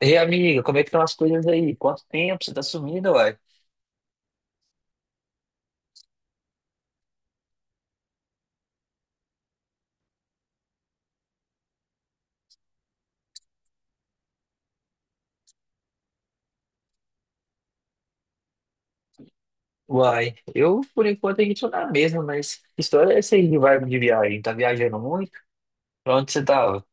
Ei, amiga, como é que estão as coisas aí? Quanto tempo você tá sumida, uai? Uai, eu por enquanto aqui tô na mesma, mas que história é essa aí de vibe de viagem? Tá viajando muito? Pra onde você tava?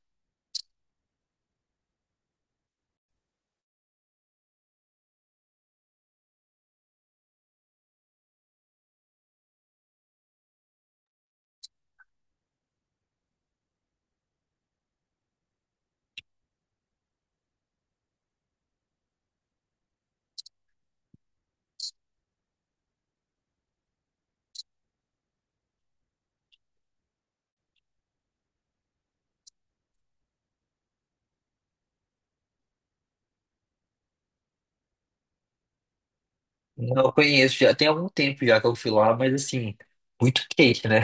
Não conheço, já tem algum tempo já que eu fui lá, mas assim, muito quente, né?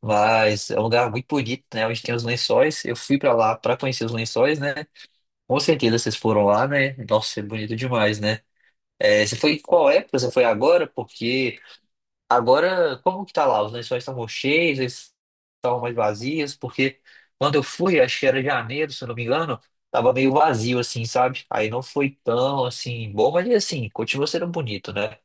Mas é um lugar muito bonito, né? Onde tem os lençóis. Eu fui pra lá pra conhecer os lençóis, né? Com certeza vocês foram lá, né? Nossa, é bonito demais, né? É, você foi em qual época? Você foi agora? Porque agora, como que tá lá? Os lençóis estão cheios, eles estão mais vazios, porque quando eu fui, acho que era janeiro, se eu não me engano, tava meio vazio, assim, sabe? Aí não foi tão, assim, bom, mas assim, continua sendo bonito, né?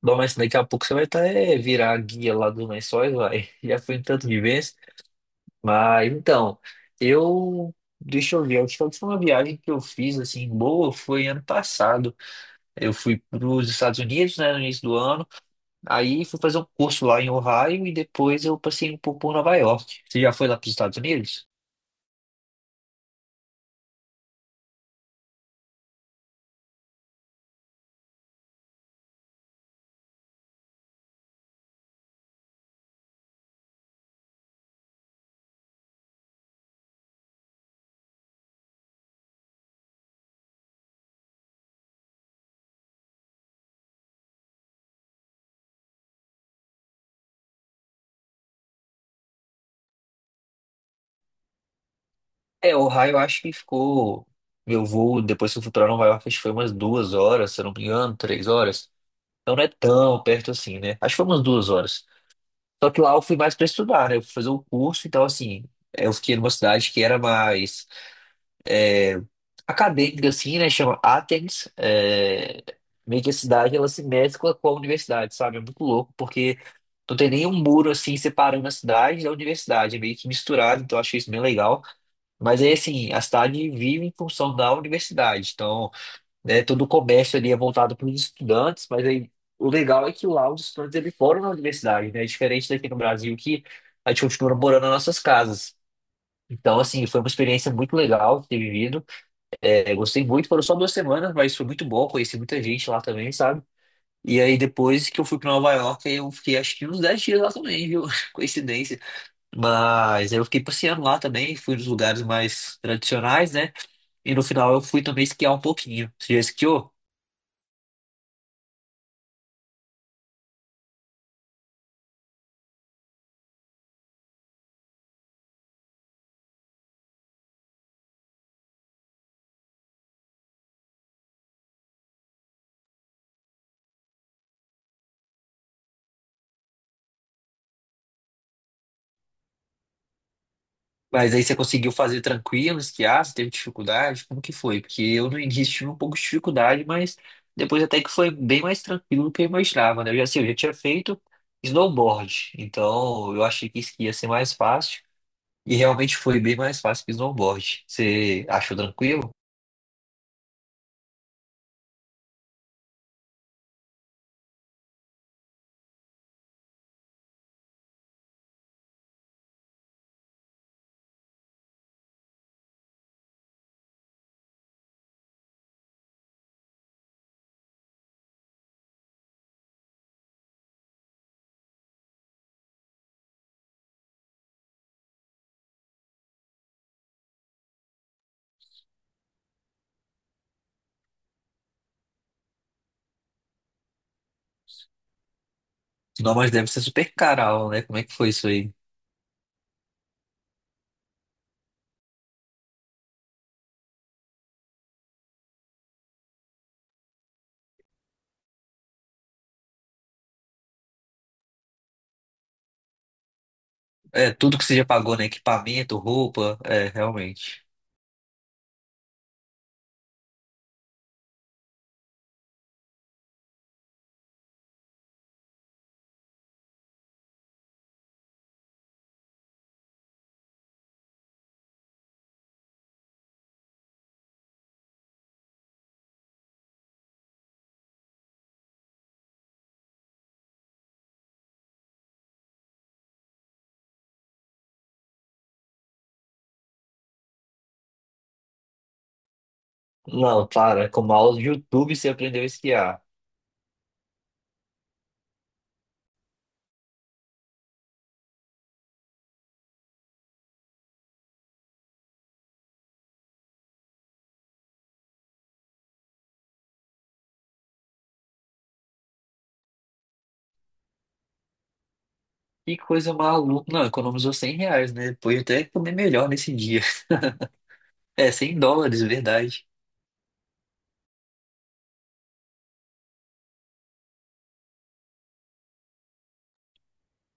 Bom, mas daqui a pouco você vai tá, é, virar a guia lá dos lençóis, vai. Já foi um tanto de vez. Mas, então, eu... Deixa eu ver, acho que a última viagem que eu fiz, assim, boa, foi ano passado. Eu fui para os Estados Unidos, né, no início do ano. Aí fui fazer um curso lá em Ohio e depois eu passei um pouco por Nova York. Você já foi lá para os Estados Unidos? É, Ohio eu acho que ficou. Meu voo, depois que eu fui para Nova York, acho que foi umas 2 horas, se eu não me engano, 3 horas. Então não é tão perto assim, né? Acho que foi umas duas horas. Só que lá eu fui mais para estudar, né? Eu fui fazer um curso, então assim, eu fiquei numa cidade que era mais é, acadêmica, assim, né? Chama Athens. É, meio que a cidade ela se mescla com a universidade, sabe? É muito louco, porque não tem nenhum muro assim separando a cidade da universidade, é meio que misturado, então eu achei isso bem legal. Mas aí, assim, a cidade vive em função da universidade, então, né, todo o comércio ali é voltado para os estudantes, mas aí o legal é que lá os estudantes eles foram na universidade, né? É diferente daqui no Brasil que a gente continua morando nas nossas casas. Então, assim, foi uma experiência muito legal ter vivido. É, gostei muito, foram só 2 semanas, mas foi muito bom, conheci muita gente lá também, sabe? E aí depois que eu fui pra Nova York, aí eu fiquei acho que uns 10 dias lá também, viu? Coincidência. Mas aí eu fiquei passeando lá também, fui nos lugares mais tradicionais, né? E no final eu fui também esquiar um pouquinho. Você já esquiou? Mas aí você conseguiu fazer tranquilo, esquiar, você teve dificuldade? Como que foi? Porque eu no início tive um pouco de dificuldade, mas depois até que foi bem mais tranquilo do que eu imaginava, né? Eu já, assim, eu já tinha feito snowboard, então eu achei que esqui ia ser mais fácil, e realmente foi bem mais fácil que snowboard. Você achou tranquilo? Não, mas deve ser super caro, a aula, né? Como é que foi isso aí? É, tudo que você já pagou, né? Equipamento, roupa, é, realmente. Não, claro, é com o mouse do YouTube você aprendeu a esquiar. Que coisa maluca. Não, economizou R$ 100, né? Pode até comer melhor nesse dia. É, US$ 100, verdade.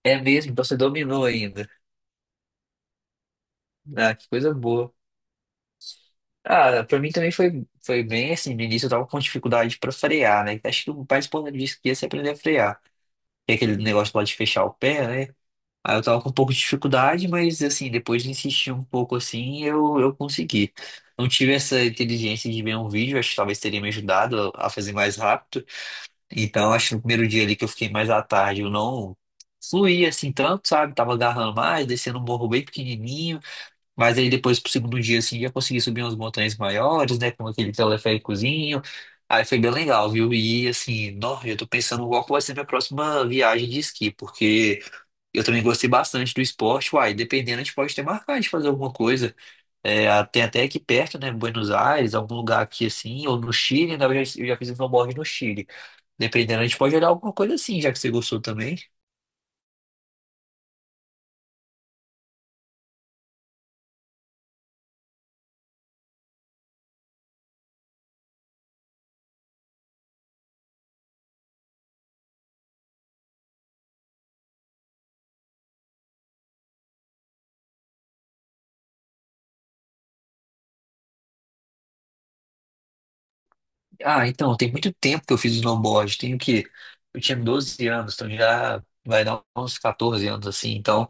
É mesmo, então você dominou ainda. Ah, que coisa boa. Ah, pra mim também foi, foi bem assim. No início eu tava com dificuldade pra frear, né? Acho que o mais importante disso que ia se aprender a frear. Que é aquele negócio que pode fechar o pé, né? Aí eu tava com um pouco de dificuldade, mas assim, depois de insistir um pouco assim, eu consegui. Não tive essa inteligência de ver um vídeo, acho que talvez teria me ajudado a fazer mais rápido. Então, acho que no primeiro dia ali que eu fiquei mais à tarde, eu não fluía assim tanto, sabe? Tava agarrando mais, descendo um morro bem pequenininho. Mas aí depois pro segundo dia, assim, já consegui subir umas montanhas maiores, né? Com aquele teleféricozinho. Aí foi bem legal, viu? E assim, nossa, eu tô pensando qual que vai ser minha próxima viagem de esqui, porque eu também gostei bastante do esporte. Uai, dependendo, a gente pode ter marcado de fazer alguma coisa. É, tem até aqui perto, né? Buenos Aires, algum lugar aqui assim, ou no Chile, na verdade eu já fiz um snowboard no Chile. Dependendo, a gente pode olhar alguma coisa assim, já que você gostou também. Ah, então, tem muito tempo que eu fiz snowboard. Tenho que. Eu tinha 12 anos, então já vai dar uns 14 anos assim. Então,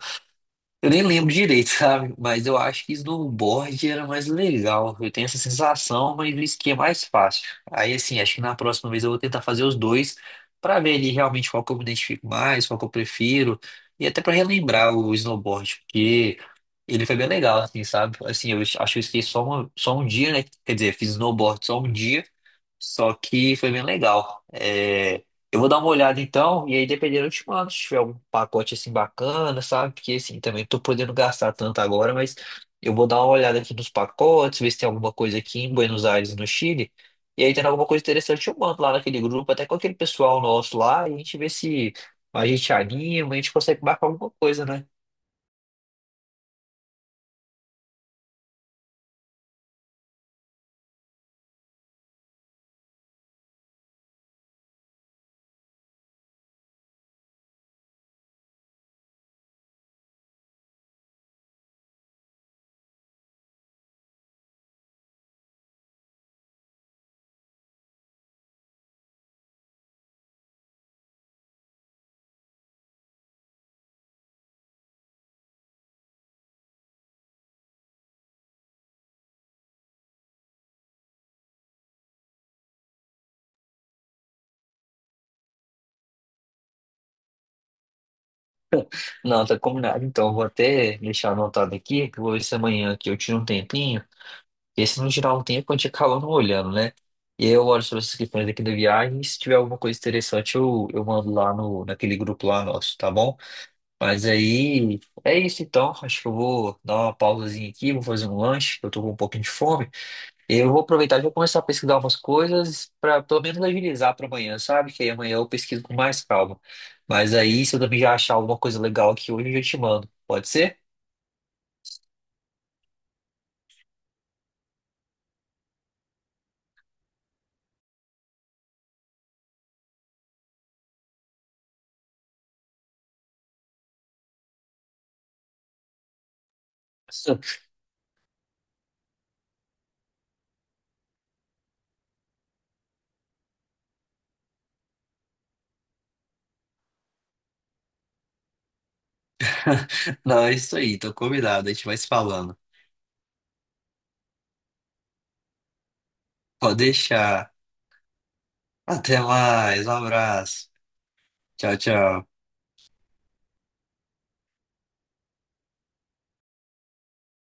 eu nem lembro direito, sabe? Mas eu acho que snowboard era mais legal. Eu tenho essa sensação, mas o esqui é mais fácil. Aí, assim, acho que na próxima vez eu vou tentar fazer os dois pra ver ali realmente qual que eu me identifico mais, qual que eu prefiro. E até pra relembrar o snowboard, porque ele foi bem legal, assim, sabe? Assim, eu acho que eu esqueci só, só um dia, né? Quer dizer, fiz snowboard só um dia, só que foi bem legal. É, eu vou dar uma olhada então, e aí dependendo eu te mando, se tiver algum pacote assim bacana, sabe? Porque assim, também não tô podendo gastar tanto agora, mas eu vou dar uma olhada aqui nos pacotes, ver se tem alguma coisa aqui em Buenos Aires, no Chile. E aí tendo alguma coisa interessante, eu mando lá naquele grupo, até com aquele pessoal nosso lá, e a gente vê se a gente anima, a gente consegue marcar alguma coisa, né? Não, tá combinado. Então, eu vou até deixar anotado aqui, que eu vou ver se amanhã aqui eu tiro um tempinho. Esse no geral não tem a quantia acaba não olhando, né? E eu olho sobre essas questões aqui da viagem. E se tiver alguma coisa interessante, eu mando lá no, naquele grupo lá nosso, tá bom? Mas aí é isso então. Acho que eu vou dar uma pausazinha aqui, vou fazer um lanche, que eu tô com um pouquinho de fome. Eu vou aproveitar e vou começar a pesquisar umas coisas para pelo menos agilizar para amanhã, sabe? Que aí amanhã eu pesquiso com mais calma. Mas aí, se eu também já achar alguma coisa legal aqui hoje, eu já te mando. Pode ser? Não, é isso aí, tô convidado, a gente vai se falando. Pode deixar. Até mais. Um abraço. Tchau, tchau.